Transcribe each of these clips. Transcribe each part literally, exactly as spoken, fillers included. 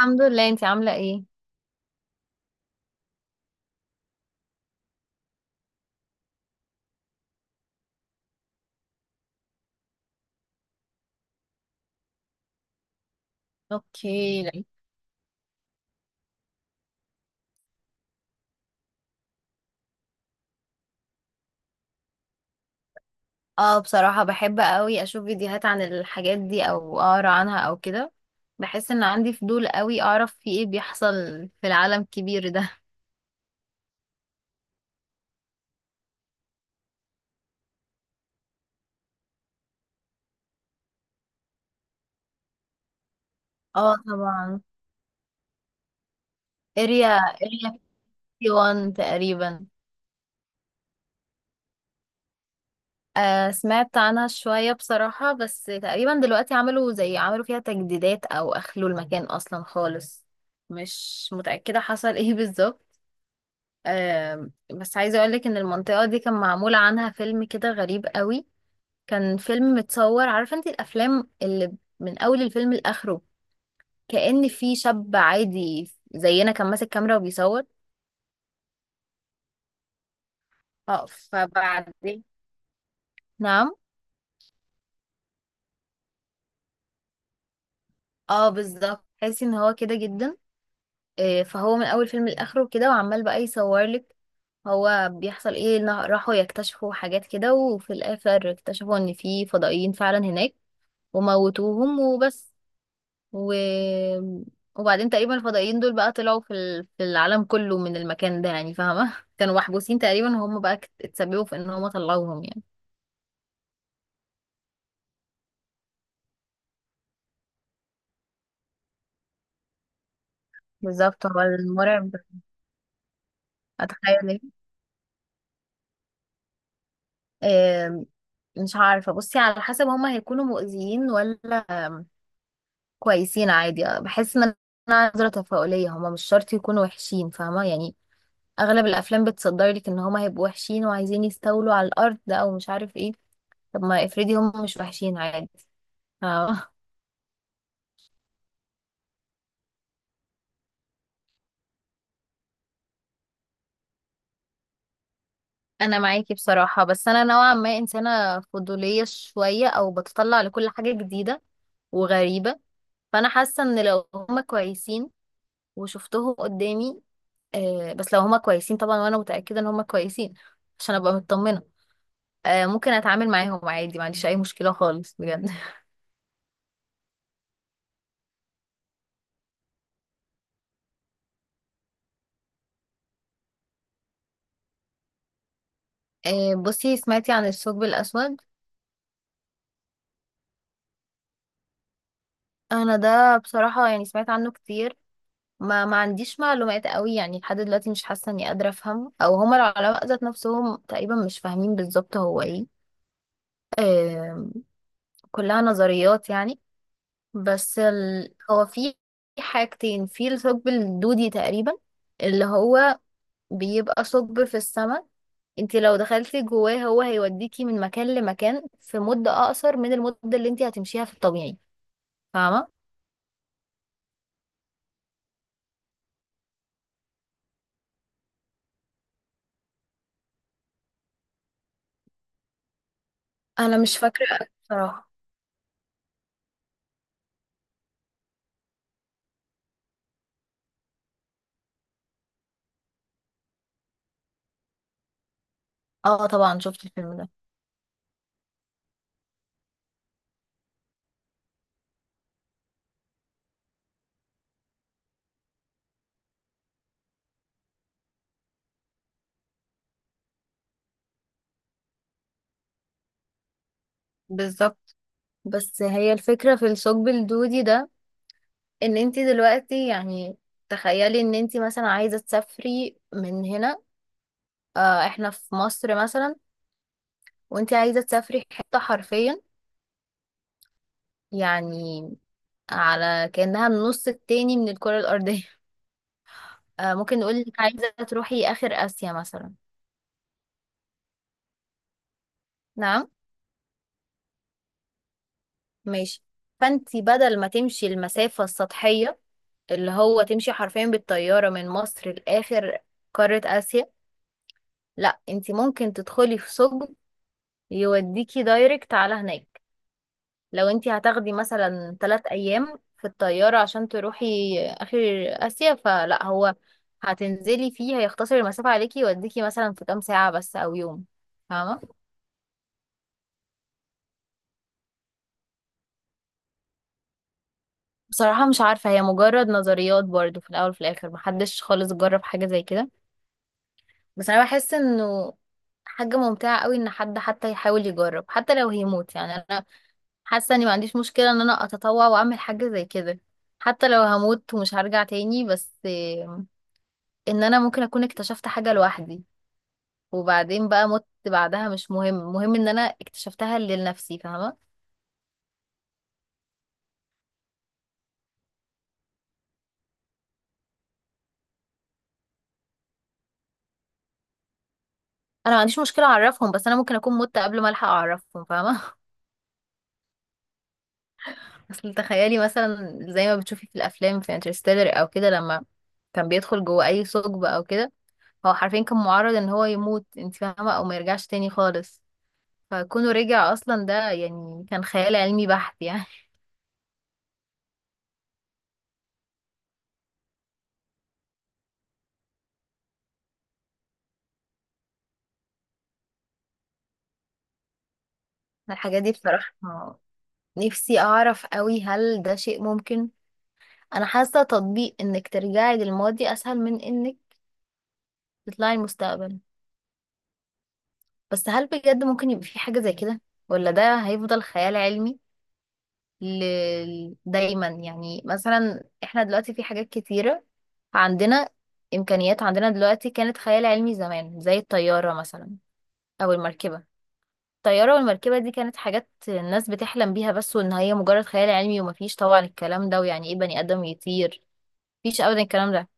الحمد لله، انتي عاملة ايه؟ اوكي. اه، بصراحة بحب قوي اشوف فيديوهات عن الحاجات دي او اقرا عنها او كده. بحس ان عندي فضول قوي اعرف في ايه بيحصل في العالم الكبير ده. اه طبعا. اريا اريا واحد وخمسين تقريبا. آه، سمعت عنها شوية بصراحة، بس تقريبا دلوقتي عملوا زي عملوا فيها تجديدات او اخلوا المكان اصلا خالص. مش متأكدة حصل ايه بالظبط. آم، بس عايزة اقولك ان المنطقة دي كان معمول عنها فيلم كده غريب قوي. كان فيلم متصور، عارفة انت الافلام اللي من اول الفيلم لاخره كأن في شاب عادي زينا كان ماسك كاميرا وبيصور. اه فبعدين، نعم، اه بالظبط، تحسي ان هو كده جدا. آه، فهو من اول فيلم لاخره كده وعمال بقى يصور لك هو بيحصل ايه. إن راحوا يكتشفوا حاجات كده وفي الاخر اكتشفوا ان في فضائيين فعلا هناك وموتوهم وبس. و... وبعدين تقريبا الفضائيين دول بقى طلعوا في ال- في العالم كله من المكان ده، يعني فاهمة؟ كانوا محبوسين تقريبا وهم بقى كت- اتسببوا في ان هم طلعوهم يعني. بالظبط، هو المرعب. اتخيل ايه؟ آم، مش عارفة، بصي على حسب هم هيكونوا مؤذيين ولا آم، كويسين عادي. آه، بحس ان انا نظرة تفاؤلية، هم مش شرط يكونوا وحشين، فاهمة يعني. اغلب الافلام بتصدر لك ان هم هيبقوا وحشين وعايزين يستولوا على الارض او مش عارف ايه. طب ما افرضي هم مش وحشين عادي، فاهمة. انا معاكي بصراحة، بس انا نوعا ما انسانة فضولية شوية او بتطلع لكل حاجة جديدة وغريبة. فانا حاسة ان لو هما كويسين وشفتهم قدامي، آه بس لو هما كويسين طبعا، وانا متأكدة ان هما كويسين عشان ابقى مطمنة، آه ممكن اتعامل معاهم عادي، ما عنديش اي مشكلة خالص بجد. آه، بصي، سمعتي عن الثقب الاسود؟ انا ده بصراحة يعني سمعت عنه كتير، ما ما عنديش معلومات قوي يعني. لحد دلوقتي مش حاسه اني قادره افهم، او هما العلماء ذات نفسهم تقريبا مش فاهمين بالظبط هو ايه. آم، كلها نظريات يعني. بس ال... هو في حاجتين في الثقب الدودي تقريبا، اللي هو بيبقى ثقب في السماء. انت لو دخلتي جواه هو هيوديكي من مكان لمكان في مدة اقصر من المدة اللي انت هتمشيها في الطبيعي، فاهمة؟ انا مش فاكرة بصراحة. اه طبعا شفت الفيلم ده. بالظبط، بس هي الفكرة في الثقب الدودي ده ان انت دلوقتي يعني تخيلي ان انت مثلا عايزة تسافري من هنا، اه احنا في مصر مثلا، وانت عايزة تسافري حتة حرفيا يعني على كأنها النص التاني من الكرة الأرضية. اه ممكن نقول انك عايزة تروحي آخر آسيا مثلا. نعم، ماشي. فانت بدل ما تمشي المسافة السطحية اللي هو تمشي حرفيا بالطيارة من مصر لآخر قارة آسيا، لا انت ممكن تدخلي في ثقب يوديكي دايركت على هناك. لو انتي هتاخدي مثلا ثلاث ايام في الطيارة عشان تروحي اخر اسيا، فلا هو هتنزلي فيه هيختصر المسافة عليكي يوديكي مثلا في كام ساعة بس او يوم، فاهمة؟ بصراحة مش عارفة، هي مجرد نظريات برضو. في الاول وفي الاخر محدش خالص جرب حاجة زي كده، بس انا بحس انه حاجة ممتعة قوي ان حد حتى يحاول يجرب، حتى لو هيموت يعني. حاسه اني ما عنديش مشكله ان انا اتطوع واعمل حاجه زي كده حتى لو هموت ومش هرجع تاني، بس آم، ان انا ممكن اكون اكتشفت حاجه لوحدي وبعدين بقى مت بعدها، مش مهم. مهم ان انا اكتشفتها لنفسي، فاهمه. انا ما عنديش مشكله اعرفهم، بس انا ممكن اكون مت قبل ما الحق اعرفهم، فاهمه. اصل تخيلي مثلا زي ما بتشوفي في الافلام، في انترستيلر او كده، لما كان بيدخل جوه اي ثقب او كده، هو حرفيا كان معرض ان هو يموت، انت فاهمه، او ما يرجعش تاني خالص. فكونه رجع اصلا ده يعني كان خيال علمي بحت يعني. الحاجات دي بصراحة نفسي اعرف قوي هل ده شيء ممكن. انا حاسة تطبيق انك ترجعي للماضي اسهل من انك تطلعي المستقبل، بس هل بجد ممكن يبقى في حاجة زي كده ولا ده هيفضل خيال علمي؟ ل... دايما يعني مثلا احنا دلوقتي في حاجات كتيرة عندنا، امكانيات عندنا دلوقتي كانت خيال علمي زمان، زي الطيارة مثلا او المركبة. الطيارة والمركبة دي كانت حاجات الناس بتحلم بيها بس، وإن هي مجرد خيال علمي ومفيش طبعا الكلام ده، ويعني إيه بني آدم يطير؟ مفيش أبدا الكلام ده.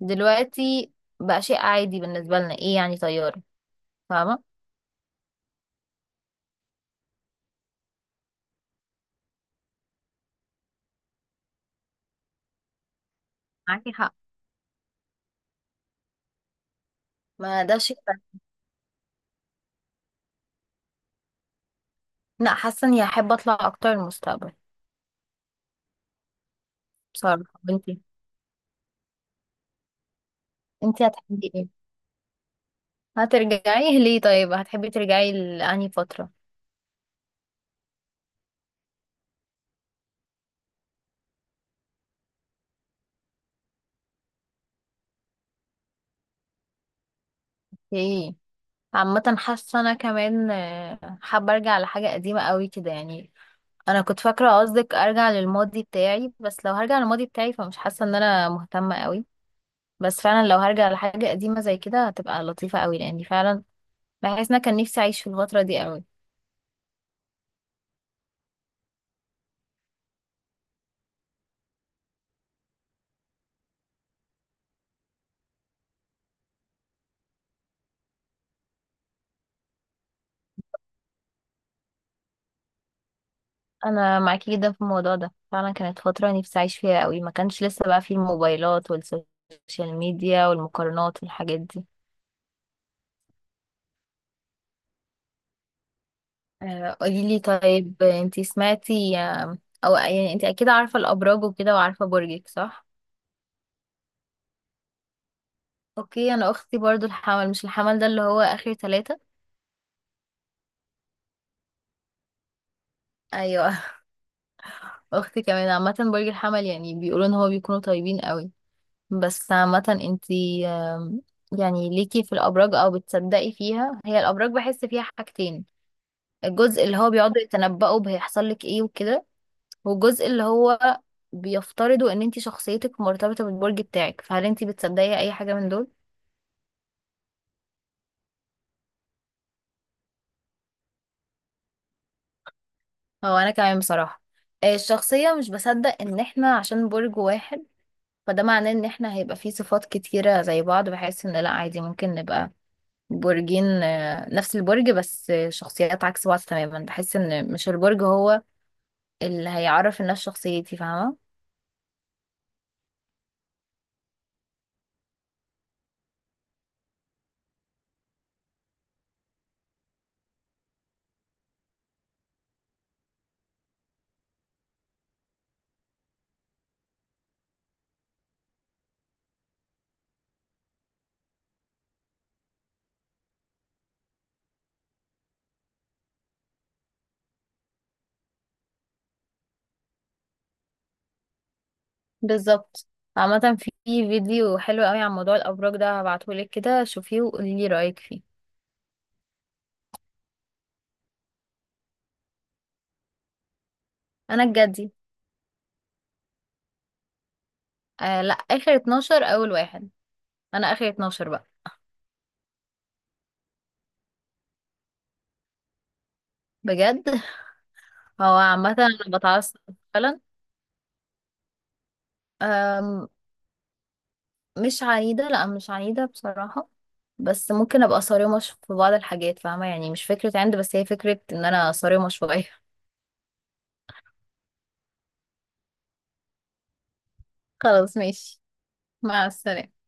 دلوقتي بقى شيء عادي بالنسبة لنا، إيه يعني طيارة، فاهمة؟ معاكي حق، ما ده شيء بقى. لا، حاسة إني هحب أطلع أكتر المستقبل بصراحة. وإنتي، إنتي هتحبي إيه؟ هترجعي؟ ليه؟ طيب هتحبي ترجعي لأنهي فترة؟ إيه؟ عامة حاسة أنا كمان آه، حابة أرجع لحاجة قديمة قوي كده يعني. انا كنت فاكره قصدك ارجع للماضي بتاعي، بس لو هرجع للماضي بتاعي فمش حاسه ان انا مهتمه قوي. بس فعلا لو هرجع لحاجه قديمه زي كده هتبقى لطيفه قوي، لاني فعلا بحس ان أنا كان نفسي اعيش في الفتره دي قوي. انا معاكي جدا في الموضوع ده. فعلا كانت فتره نفسي اعيش فيها قوي، ما كانش لسه بقى فيه الموبايلات والسوشيال ميديا والمقارنات والحاجات دي. آه، قولي لي، طيب انتي سمعتي آم، او يعني انتي اكيد عارفه الابراج وكده، وعارفه برجك صح؟ اوكي، انا اختي برضو الحمل. مش الحمل ده اللي هو اخر ثلاثة؟ ايوه. اختي كمان عامه برج الحمل. يعني بيقولوا ان هو بيكونوا طيبين قوي. بس عامه انتي آم، يعني ليكي في الابراج او بتصدقي فيها؟ هي الابراج بحس فيها حاجتين، الجزء اللي هو بيقعدوا يتنبؤوا بهيحصل لك ايه وكده، والجزء اللي هو بيفترضوا ان انتي شخصيتك مرتبطه بالبرج بتاعك. فهل انتي بتصدقي اي حاجه من دول؟ هو انا كمان بصراحه آه، الشخصيه، مش بصدق ان احنا عشان برج واحد فده معناه ان احنا هيبقى فيه صفات كتيرة زي بعض، بحيث ان لا عادي ممكن نبقى برجين، آه، نفس البرج، بس آه، شخصيات عكس بعض تماما. بحس ان مش البرج هو اللي هيعرف الناس شخصيتي، فاهمة؟ بالظبط. عامة في فيديو حلو قوي عن موضوع الأبراج ده، هبعتهولك كده شوفيه وقولي لي رأيك فيه. أنا الجدي. آه لا، آخر اتناشر أول واحد. أنا آخر اتناشر بقى. بجد؟ هو عامة أنا بتعصب فعلا. مش عنيدة، لا مش عنيدة بصراحة. بس ممكن ابقى صارمة ش- في بعض الحاجات، فاهمة يعني؟ مش فكرة عند، بس هي فكرة ان انا صارمة شوية. خلاص ماشي، مع السلامة.